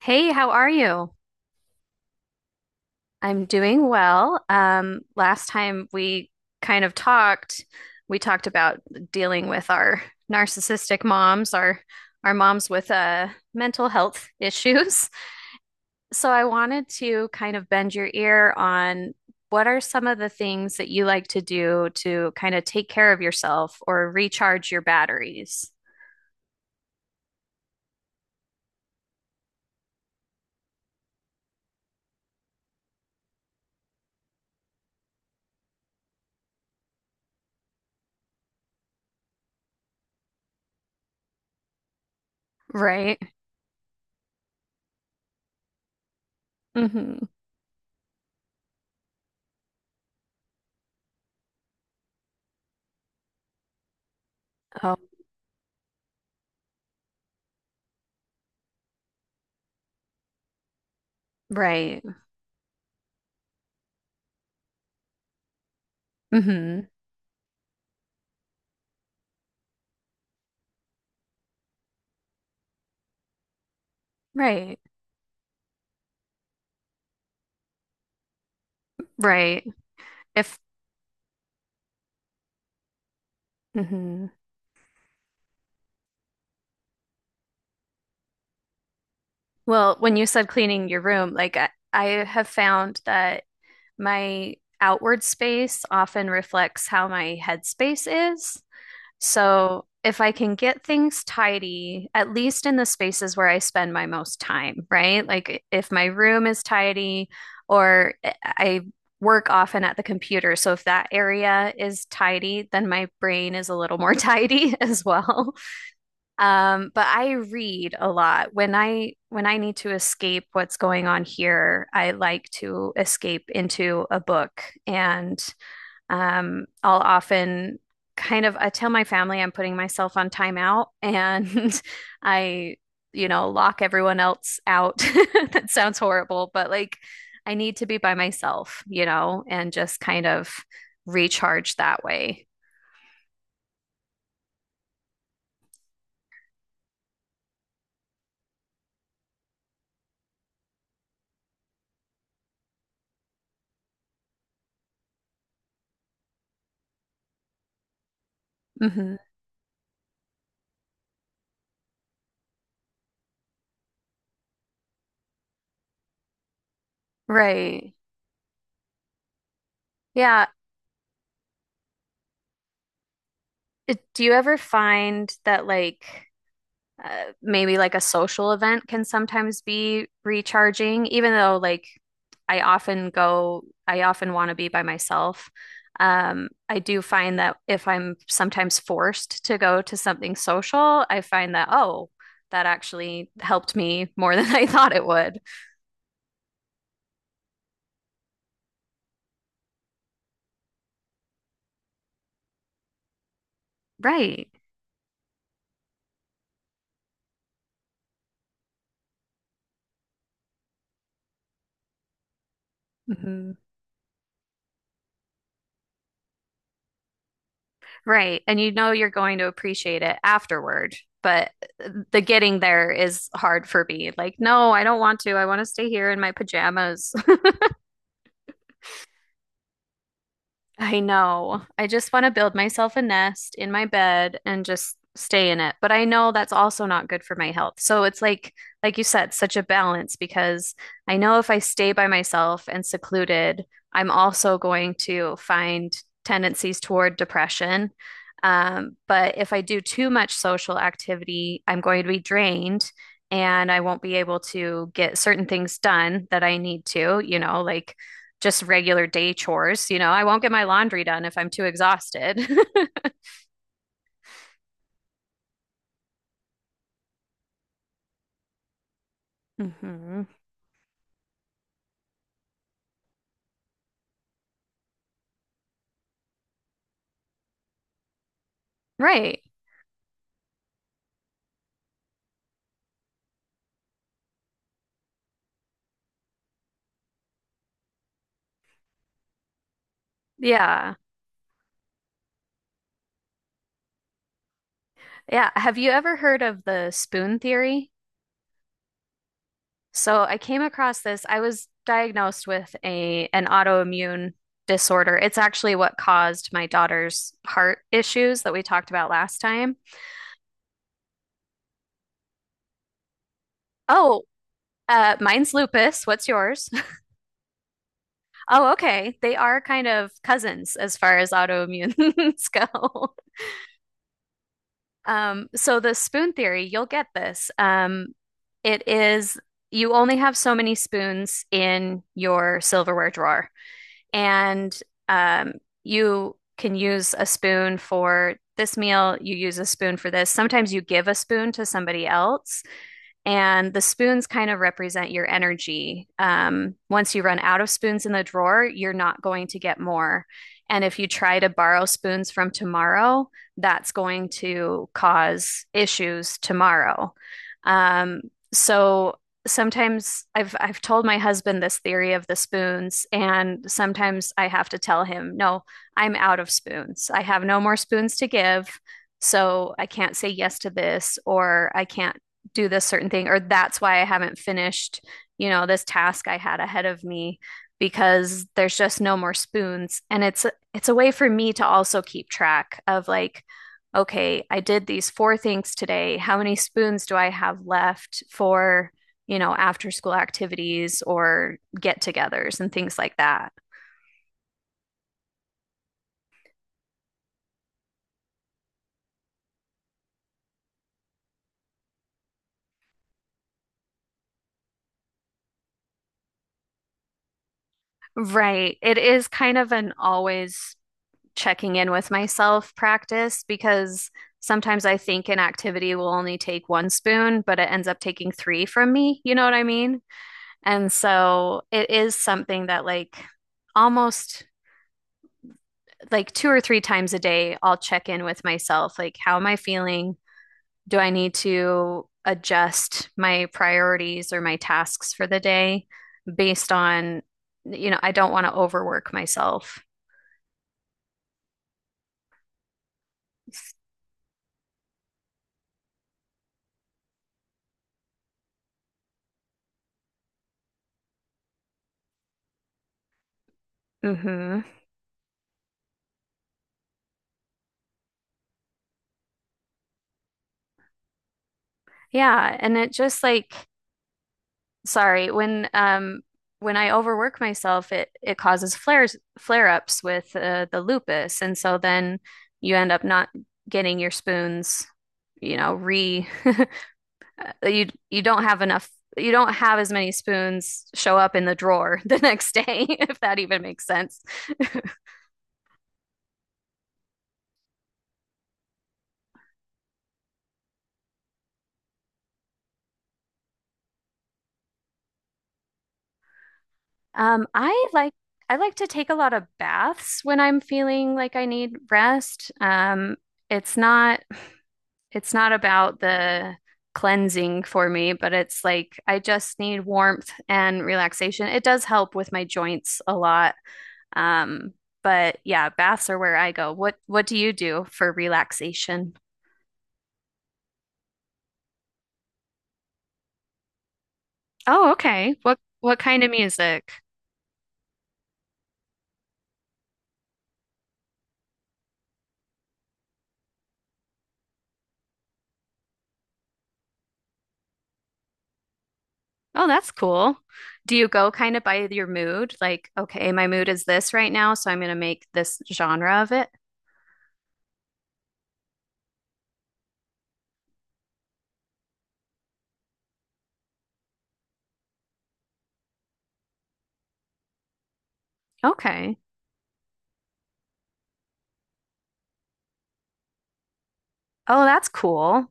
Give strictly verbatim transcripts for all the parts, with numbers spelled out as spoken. Hey, how are you? I'm doing well. Um, last time we kind of talked, we talked about dealing with our narcissistic moms, our our moms with uh, mental health issues. So I wanted to kind of bend your ear on what are some of the things that you like to do to kind of take care of yourself or recharge your batteries? Right. Hmm. Right. Hmm. Right. Right. If hmm Well, when you said cleaning your room, like I, I have found that my outward space often reflects how my headspace is. So if I can get things tidy, at least in the spaces where I spend my most time, right? Like if my room is tidy or I I work often at the computer. So if that area is tidy, then my brain is a little more tidy as well. Um, but I read a lot. When I when I need to escape what's going on here, I like to escape into a book. And um, I'll often kind of I tell my family I'm putting myself on timeout and I, you know, lock everyone else out. That sounds horrible, but like I need to be by myself, you know, and just kind of recharge that way. Hmm. Right. Yeah. It- Do you ever find that like uh, maybe like a social event can sometimes be recharging, even though like I often go, I often want to be by myself. Um, I do find that if I'm sometimes forced to go to something social, I find that, oh, that actually helped me more than I thought it would. Right. Hmm. Right. And you know you're going to appreciate it afterward, but the getting there is hard for me. Like, no, I don't want to. I want to stay here in my pajamas. I know. I just want to build myself a nest in my bed and just stay in it. But I know that's also not good for my health. So it's like, like you said, such a balance because I know if I stay by myself and secluded, I'm also going to find tendencies toward depression. Um, but if I do too much social activity, I'm going to be drained and I won't be able to get certain things done that I need to, you know, like just regular day chores. You know, I won't get my laundry done if I'm too exhausted. Hmm. Right. Yeah. Yeah. Have you ever heard of the spoon theory? So I came across this. I was diagnosed with a an autoimmune disorder. It's actually what caused my daughter's heart issues that we talked about last time. Oh, uh, mine's lupus. What's yours? Oh, okay. They are kind of cousins as far as autoimmunes go. Um, so the spoon theory, you'll get this. Um, it is you only have so many spoons in your silverware drawer, and um, you can use a spoon for this meal, you use a spoon for this. Sometimes you give a spoon to somebody else. And the spoons kind of represent your energy. Um, once you run out of spoons in the drawer, you're not going to get more. And if you try to borrow spoons from tomorrow, that's going to cause issues tomorrow. Um, so sometimes I've I've told my husband this theory of the spoons, and sometimes I have to tell him, no, I'm out of spoons. I have no more spoons to give. So I can't say yes to this, or I can't do this certain thing, or that's why I haven't finished, you know, this task I had ahead of me because there's just no more spoons. And it's it's a way for me to also keep track of like, okay, I did these four things today. How many spoons do I have left for, you know, after school activities or get-togethers and things like that? Right. It is kind of an always checking in with myself practice because sometimes I think an activity will only take one spoon, but it ends up taking three from me. You know what I mean? And so it is something that, like, almost like two or three times a day, I'll check in with myself. Like, how am I feeling? Do I need to adjust my priorities or my tasks for the day based on, you know, I don't want to overwork myself. Hmm. Yeah. And it just like, sorry, when um when I overwork myself, it it causes flares flare-ups with uh, the lupus, and so then you end up not getting your spoons, you know, re uh, you you don't have enough you don't have as many spoons show up in the drawer the next day, if that even makes sense. Um, I like I like to take a lot of baths when I'm feeling like I need rest. Um, it's not it's not about the cleansing for me, but it's like I just need warmth and relaxation. It does help with my joints a lot. Um, but yeah, baths are where I go. What what do you do for relaxation? Oh, okay. What what kind of music? Oh, that's cool. Do you go kind of by your mood? Like, okay, my mood is this right now, so I'm going to make this genre of it. Okay. Oh, that's cool.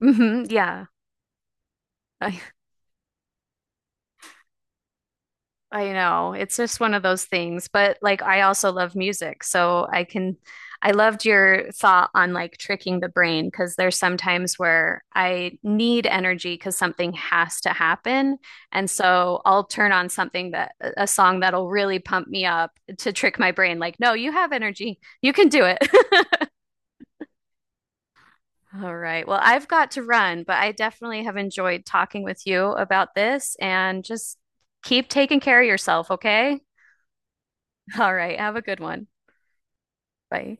Hmm, yeah. I know. It's just one of those things. But like I also love music, so I can I loved your thought on like tricking the brain because there's sometimes where I need energy because something has to happen. And so I'll turn on something that a song that'll really pump me up to trick my brain like, no, you have energy. You can do it. All right. Well, I've got to run, but I definitely have enjoyed talking with you about this and just keep taking care of yourself, okay? All right. Have a good one. Bye.